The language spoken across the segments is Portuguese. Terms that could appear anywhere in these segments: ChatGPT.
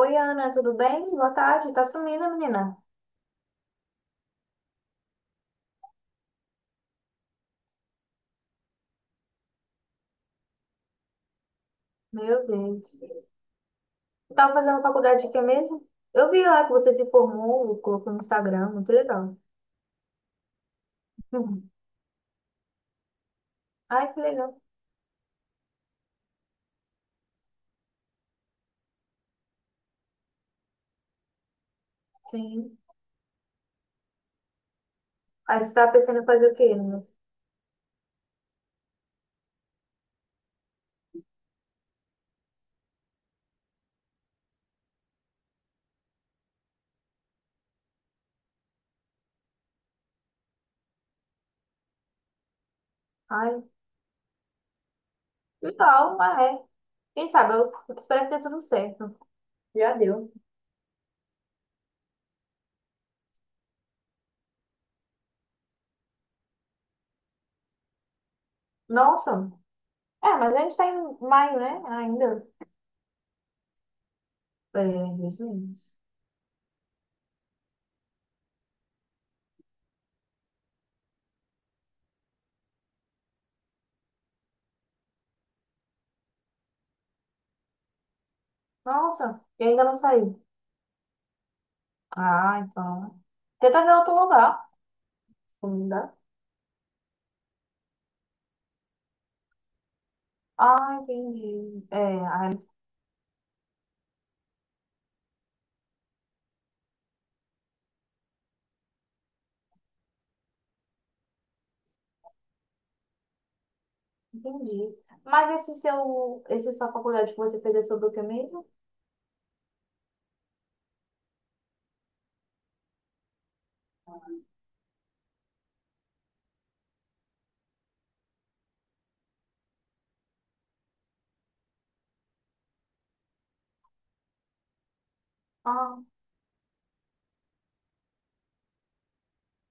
Oi, Ana, tudo bem? Boa tarde. Tá sumida, menina? Meu Deus. Tu tava fazendo faculdade de quê mesmo? Eu vi lá que você se formou, colocou no Instagram, muito legal. Uhum. Ai, que legal. Sim. Aí você tá pensando em fazer o quê, meninas? Ai, legal, mas é. Quem sabe, eu espero que dê tudo certo. Já deu. Nossa. É, mas a gente tá em maio, né? Ainda. É, dois meses. Nossa, e ainda não saiu. Ah, então. Tenta ver outro lugar. Não dá. Ah, entendi. É, ah, entendi. Mas esse seu, esse sua faculdade que você fez é sobre o que mesmo? Ah,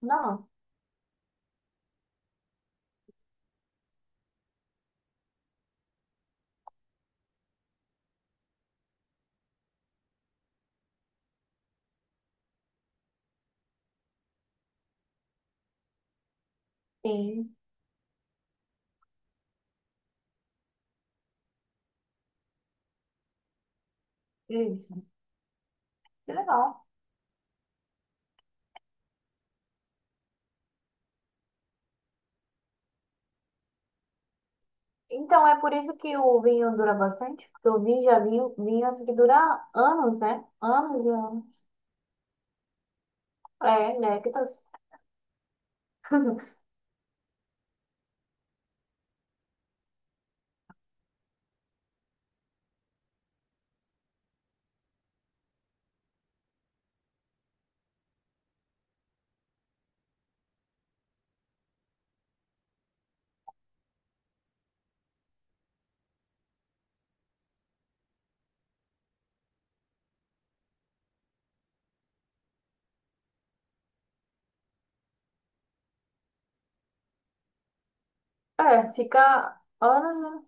não. Sim, isso. Que legal. Então, é por isso que o vinho dura bastante, porque o vinho já é vinho, vinho assim que dura anos, né? Anos e anos. É, néctares. É, fica anos, né?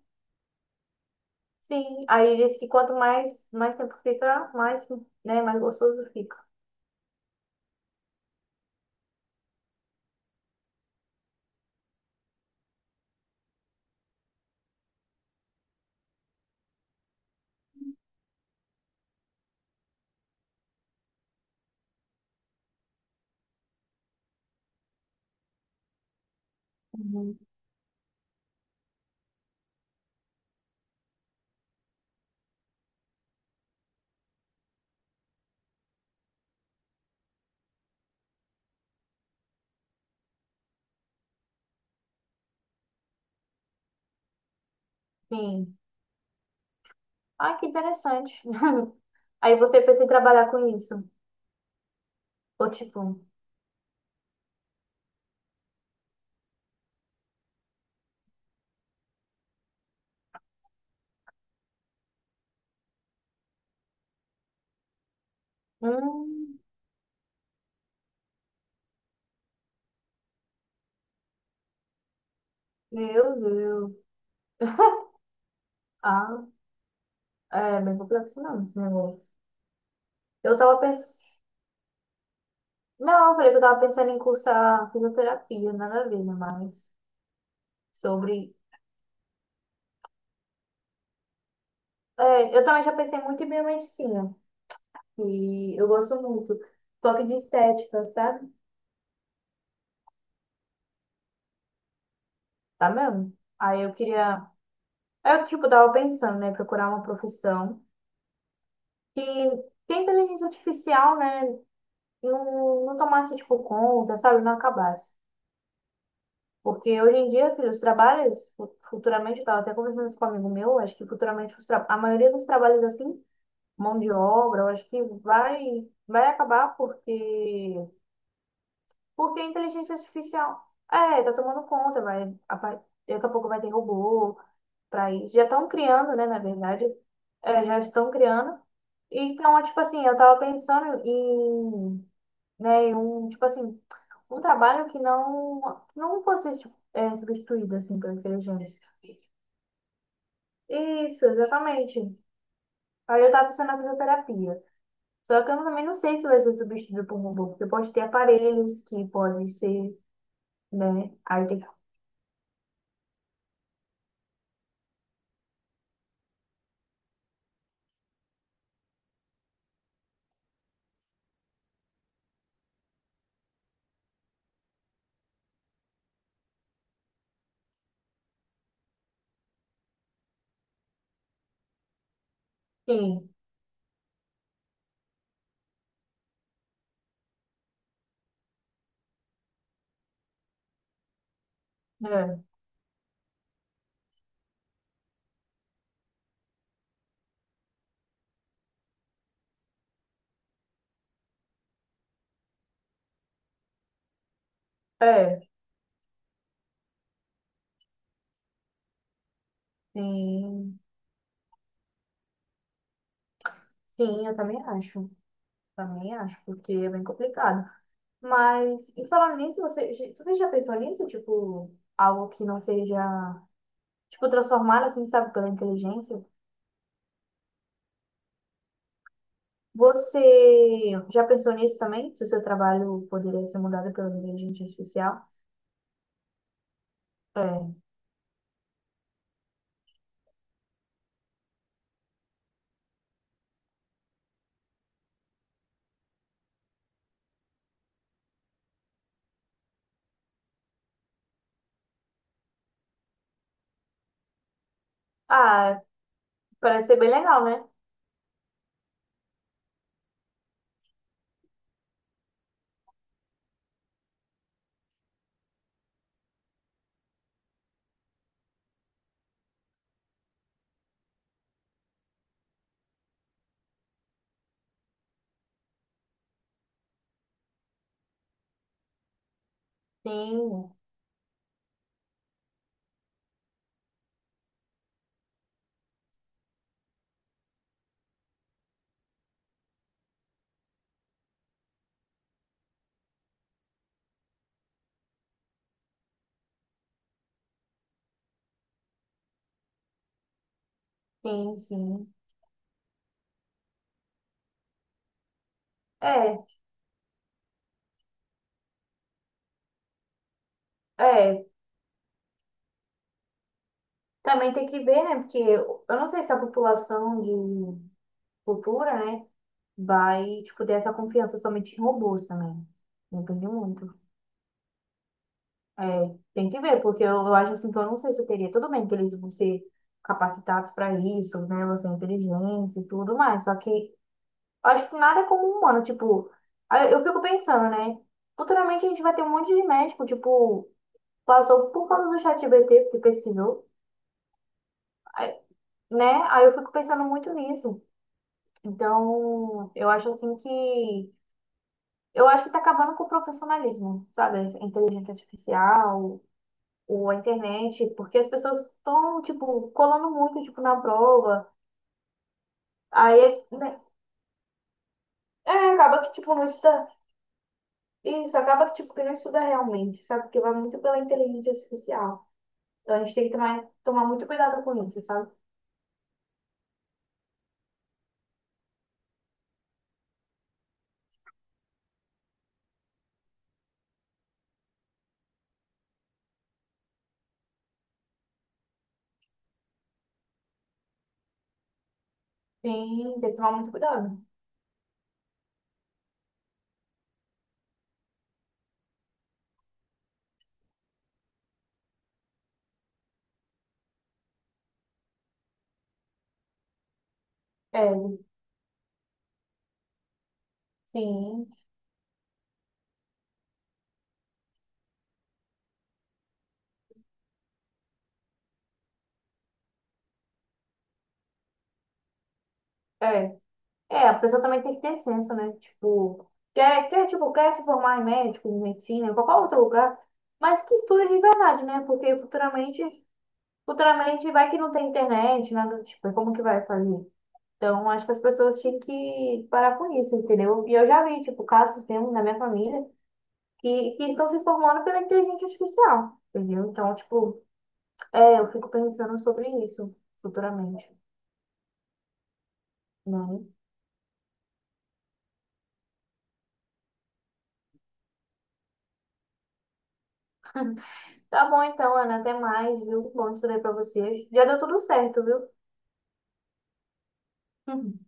Sim. Aí diz que quanto mais, mais tempo fica, mais, né, mais gostoso fica. Uhum. Sim. Ah, que interessante. Aí você pensa em trabalhar com isso. Ou tipo, hum, meu Deus. Ah, é bem complexo não, esse negócio. Eu tava pensando. Não, eu falei que eu tava pensando em cursar fisioterapia, nada a ver, né, mas sobre. É, eu também já pensei muito em biomedicina, que eu gosto muito. Toque de estética, sabe? Tá mesmo? Aí eu queria. Aí eu, tipo, tava pensando, né, procurar uma profissão que tem inteligência artificial, né? Não tomasse, tipo, conta, sabe? Não acabasse. Porque hoje em dia, filho, os trabalhos, futuramente, eu tava até conversando isso com um amigo meu, acho que futuramente a maioria dos trabalhos, assim, mão de obra, eu acho que vai acabar porque a inteligência artificial, é, tá tomando conta, vai, daqui a pouco vai ter robô pra isso. Já estão criando, né, na verdade, já estão criando. Então, é tipo assim, eu tava pensando em né? E um, tipo assim, um trabalho que não fosse tipo, substituído, assim, pelo inteligente. Isso, exatamente. Aí eu tava pensando na fisioterapia. Só que eu também não sei se vai ser substituído por robô, porque pode ter aparelhos que podem ser, né? Aí tem que. Sim, né? É, sim, sim, eu também acho. Também acho, porque é bem complicado. Mas, e falando nisso, você já pensou nisso? Tipo, algo que não seja. Tipo, transformar assim, sabe, pela inteligência. Você já pensou nisso também? Se o seu trabalho poderia ser mudado pela inteligência artificial? É. Ah, parece ser bem legal, né? Sim, sim, sim. É, é. Também tem que ver, né? Porque eu não sei se a população de futura, né, vai, tipo, ter essa confiança somente em robôs também. Depende muito. É, tem que ver, porque eu acho assim que eu não sei se eu teria. Tudo bem que eles vão ser capacitados para isso, né? Vão ser inteligentes e tudo mais. Só que eu acho que nada é como um humano. Tipo, aí eu fico pensando, né? Futuramente a gente vai ter um monte de médico, tipo, passou por causa do chat ChatGPT, porque pesquisou, aí- né? Aí eu fico pensando muito nisso. Então, eu acho assim que. Eu acho que tá acabando com o profissionalismo, sabe? Inteligência artificial. A internet, porque as pessoas estão, tipo, colando muito, tipo, na prova. Aí, né, é, acaba que, tipo, não estuda. Isso, acaba que, tipo, que não estuda realmente, sabe? Porque vai muito pela inteligência artificial. Então, a gente tem que tomar muito cuidado com isso, sabe? Sim, tem que tomar muito cuidado. É, sim. É. É, a pessoa também tem que ter senso, né? Tipo, tipo, quer se formar em médico, em medicina, em qualquer outro lugar, mas que estude de verdade, né? Porque futuramente vai que não tem internet, nada do tipo, e como que vai fazer? Então, acho que as pessoas tinham que parar com isso, entendeu? E eu já vi, tipo, casos mesmo na minha família que estão se formando pela inteligência artificial, entendeu? Então, tipo, eu fico pensando sobre isso futuramente, né? Tá bom então, Ana, até mais, viu? Bom estudar pra vocês. Já deu tudo certo, viu?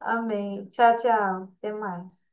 Amém. Tchau, tchau. Até mais.